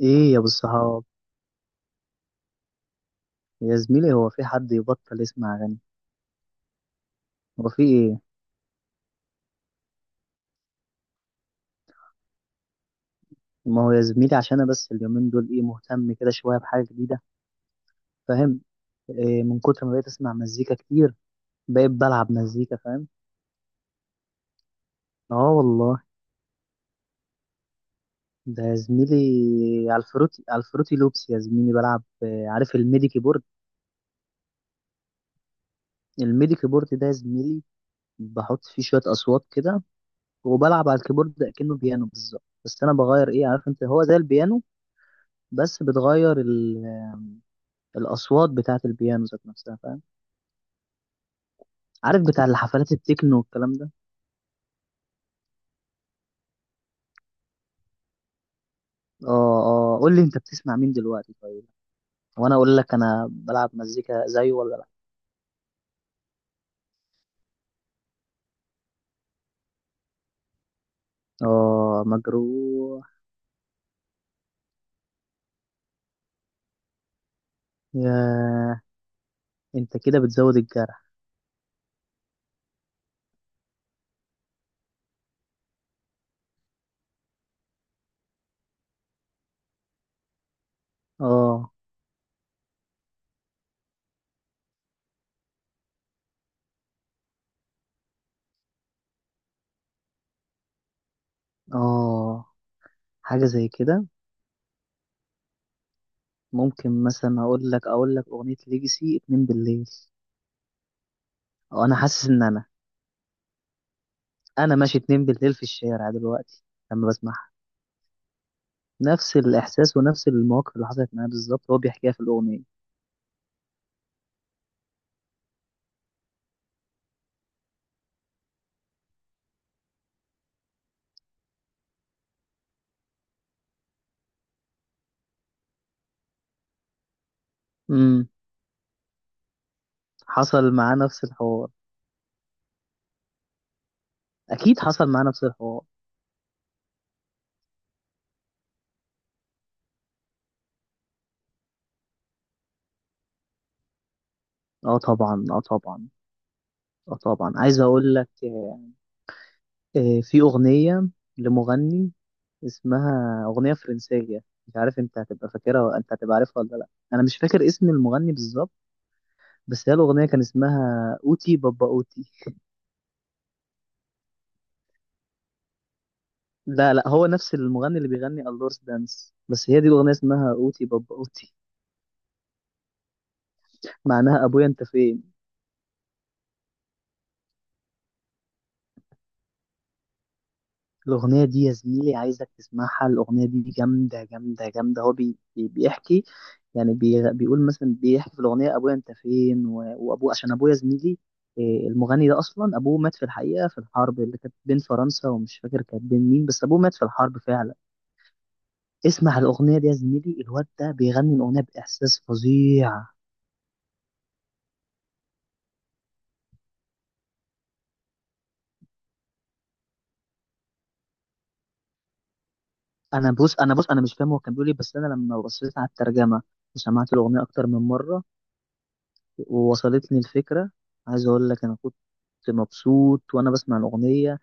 ايه يا ابو الصحاب. يا زميلي هو في حد يبطل يسمع اغاني؟ هو في ايه؟ ما هو يا زميلي عشان انا بس اليومين دول ايه مهتم كده شويه بحاجه جديده. فاهم إيه؟ من كتر ما بقيت اسمع مزيكا كتير بقيت بلعب مزيكا، فاهم. اه والله. ده يا زميلي على الفروتي، لوبس يا زميلي، بلعب عارف الميدي كيبورد؟ الميدي كيبورد ده يا زميلي بحط فيه شويه اصوات كده وبلعب على الكيبورد ده كأنه بيانو بالظبط، بس انا بغير ايه، عارف انت، هو زي البيانو بس بتغير الاصوات بتاعه البيانو ذات نفسها، فاهم؟ عارف بتاع الحفلات التكنو والكلام ده. اه، اه. قول لي انت بتسمع مين دلوقتي طيب، وانا اقول لك انا بلعب مزيكا زيه ولا لا. اه، مجروح. يا، انت كده بتزود الجرح. اه، اه، حاجه زي كده. ممكن مثلا اقول لك اغنيه ليجسي اتنين بالليل. اه، انا حاسس ان انا انا ماشي اتنين بالليل في الشارع دلوقتي لما بسمعها. نفس الاحساس ونفس المواقف اللي حصلت معايا بالظبط هو بيحكيها في الاغنيه. حصل معاه نفس الحوار. اكيد حصل معاه نفس الحوار. اه طبعا، اه طبعا. اه طبعا، عايز اقول لك، في اغنيه لمغني، اسمها اغنيه فرنسيه، مش عارف انت هتبقى انت هتبقى عارفها ولا لا. انا مش فاكر اسم المغني بالظبط، بس هي الاغنيه كان اسمها اوتي بابا اوتي. لا لا، هو نفس المغني اللي بيغني اللورس دانس، بس هي دي الاغنيه اسمها اوتي بابا اوتي. معناها ابويا انت فين. الأغنية دي يا زميلي عايزك تسمعها، الأغنية دي جامدة جامدة جامدة. بيحكي يعني بيقول مثلا، بيحكي في الأغنية أبويا أنت فين، وأبوه عشان أبويا زميلي، المغني ده أصلا أبوه مات في الحقيقة في الحرب اللي كانت بين فرنسا ومش فاكر كانت بين مين، بس أبوه مات في الحرب فعلا. اسمع الأغنية دي يا زميلي، الواد ده بيغني الأغنية بإحساس فظيع. أنا بص، أنا مش فاهم هو كان بيقول إيه، بس أنا لما بصيت على الترجمة وسمعت الأغنية أكتر من مرة ووصلتني الفكرة. عايز أقول لك أنا كنت مبسوط وأنا بسمع الأغنية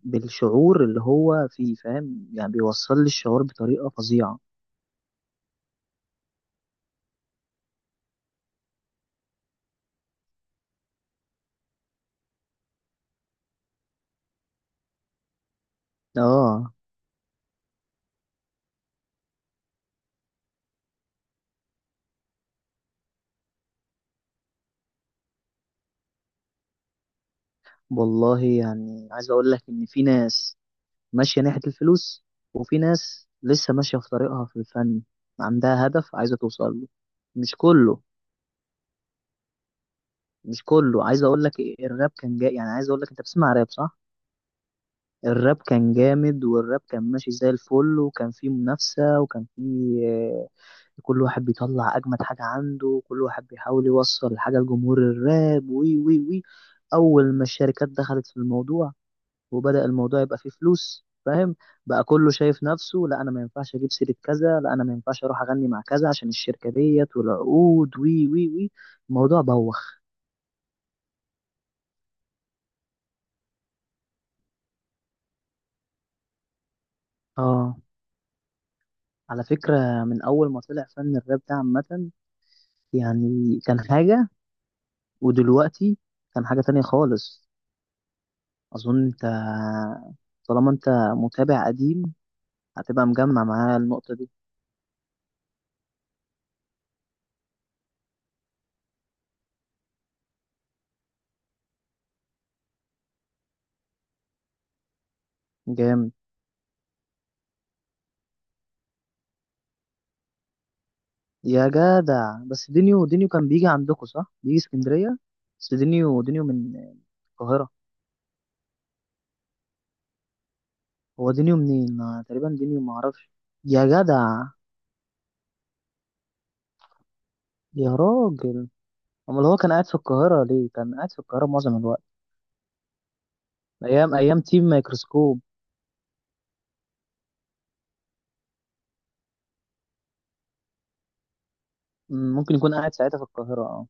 بالشعور اللي هو فيه، فاهم يعني؟ بيوصل لي الشعور بطريقة فظيعة. آه والله، يعني عايز أقول لك إن في ناس ماشية ناحية الفلوس، وفي ناس لسه ماشية في طريقها في الفن، عندها هدف عايزة توصل له. مش كله، مش كله. عايز أقول لك الراب كان جاي، يعني عايز أقول لك، أنت بتسمع راب صح؟ الراب كان جامد والراب كان ماشي زي الفل، وكان فيه منافسة، وكان فيه كل واحد بيطلع اجمد حاجه عنده، كل واحد بيحاول يوصل حاجه لجمهور الراب، وي وي وي. اول ما الشركات دخلت في الموضوع وبدأ الموضوع يبقى فيه فلوس، فاهم؟ بقى كله شايف نفسه، لا انا ما ينفعش اجيب سيره كذا، لا انا ما ينفعش اروح اغني مع كذا عشان الشركه ديت والعقود، وي وي وي. الموضوع بوخ. اه، على فكره من اول ما طلع فن الراب ده عامه يعني كان حاجه، ودلوقتي كان حاجه تانية خالص. اظن انت، طالما انت متابع قديم، هتبقى مجمع معايا النقطة دي. جامد يا جدع. بس دينيو، دينيو كان بيجي عندكم صح، بيجي اسكندرية؟ بس دينيو، دينيو من القاهرة. هو دينيو منين؟ أنا تقريبا دينيو معرفش. يا جدع، يا راجل. امال هو كان قاعد في القاهرة ليه؟ كان قاعد في القاهرة معظم الوقت، ايام ايام تيم مايكروسكوب. مم، ممكن يكون قاعد ساعتها في القاهرة، اه.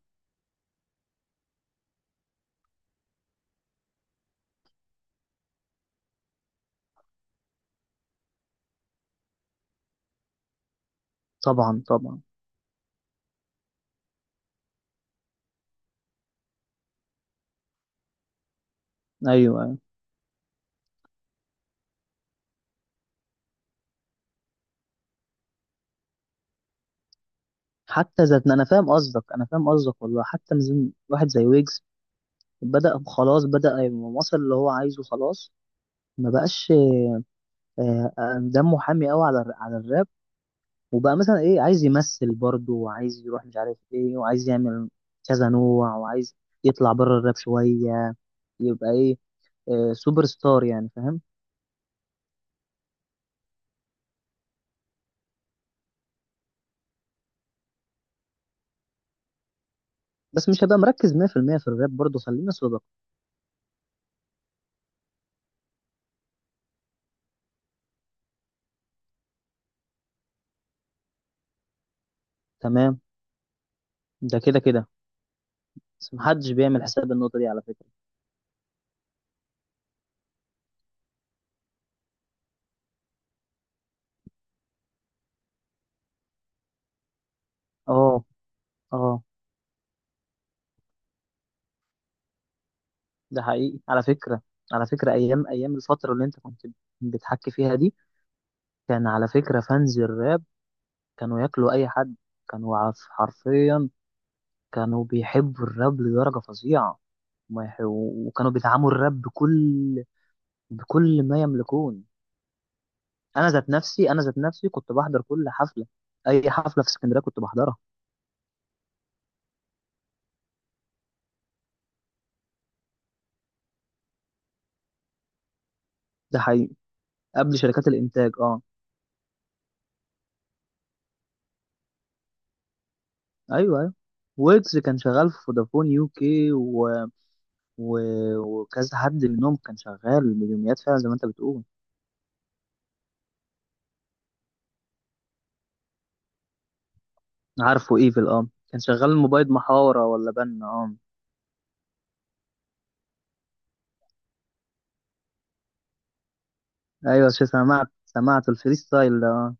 طبعا طبعا. ايوه ايوه. حتى ذاتنا، انا فاهم قصدك، انا فاهم قصدك والله. حتى واحد زي ويجز بدأ، خلاص بدأ يبقى، وصل اللي هو عايزه خلاص. ما بقاش دمه حامي قوي على الراب. وبقى مثلا ايه، عايز يمثل برضه، وعايز يروح مش عارف ايه، وعايز يعمل كذا نوع، وعايز يطلع بره الراب شوية يبقى ايه، سوبر ستار يعني، فاهم؟ بس مش هبقى مركز 100% في المية في الراب برضه، خلينا صدق. تمام. ده كده كده، بس محدش بيعمل حساب النقطة دي على فكرة. اه، اه، ده حقيقي على فكرة. على فكرة ايام ايام الفترة اللي انت كنت بتحكي فيها دي، كان على فكرة فانز الراب كانوا ياكلوا أي حد، حرفيا كانوا بيحبوا الراب لدرجة فظيعة، وما يح- وكانوا بيدعموا الراب بكل، بكل ما يملكون. أنا ذات نفسي كنت بحضر كل حفلة، أي حفلة في اسكندرية كنت بحضرها. ده حقيقي، قبل شركات الإنتاج أه. أيوه أيوه، ويجز كان شغال في فودافون يو كي و... وكذا حد منهم كان شغال مليوميات فعلا زي ما أنت بتقول. عارفه إيفل، أه كان شغال موبايل محاورة ولا بنا، أه. ايوه، شو سمعت، سمعت الفري ستايل ده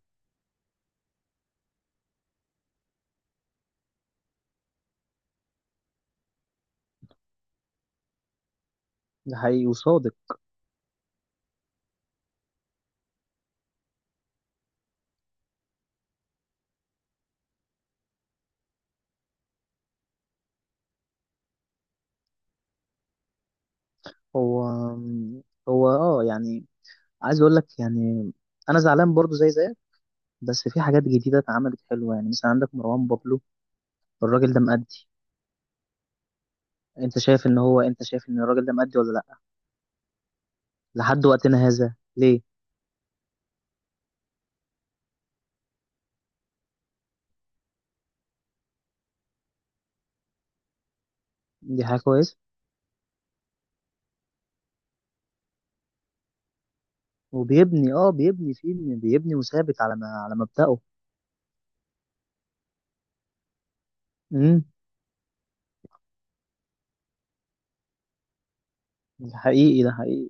ده حقيقي وصادق. هو هو اه يعني، عايز اقول لك يعني، انا زعلان برضو زي زيك، بس في حاجات جديده اتعملت حلوه، يعني مثلا عندك مروان بابلو، الراجل ده مأدي. انت شايف ان هو، انت شايف ان الراجل ده مأدي ولا لا؟ لحد وقتنا هذا ليه؟ دي حاجه كويسه. وبيبني، اه بيبني فيه، بيبني، وثابت على ما على مبدأه. امم ده حقيقي، ده حقيقي.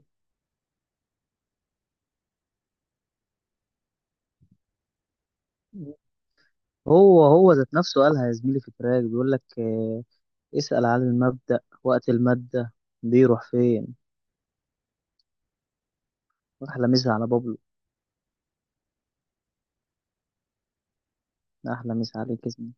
هو هو ذات نفسه قالها يا زميلي في التراك، بيقول لك اسأل عن المبدأ وقت المادة بيروح فين. أحلى مسا على بابلو. أحلى مسا عليك اسمي.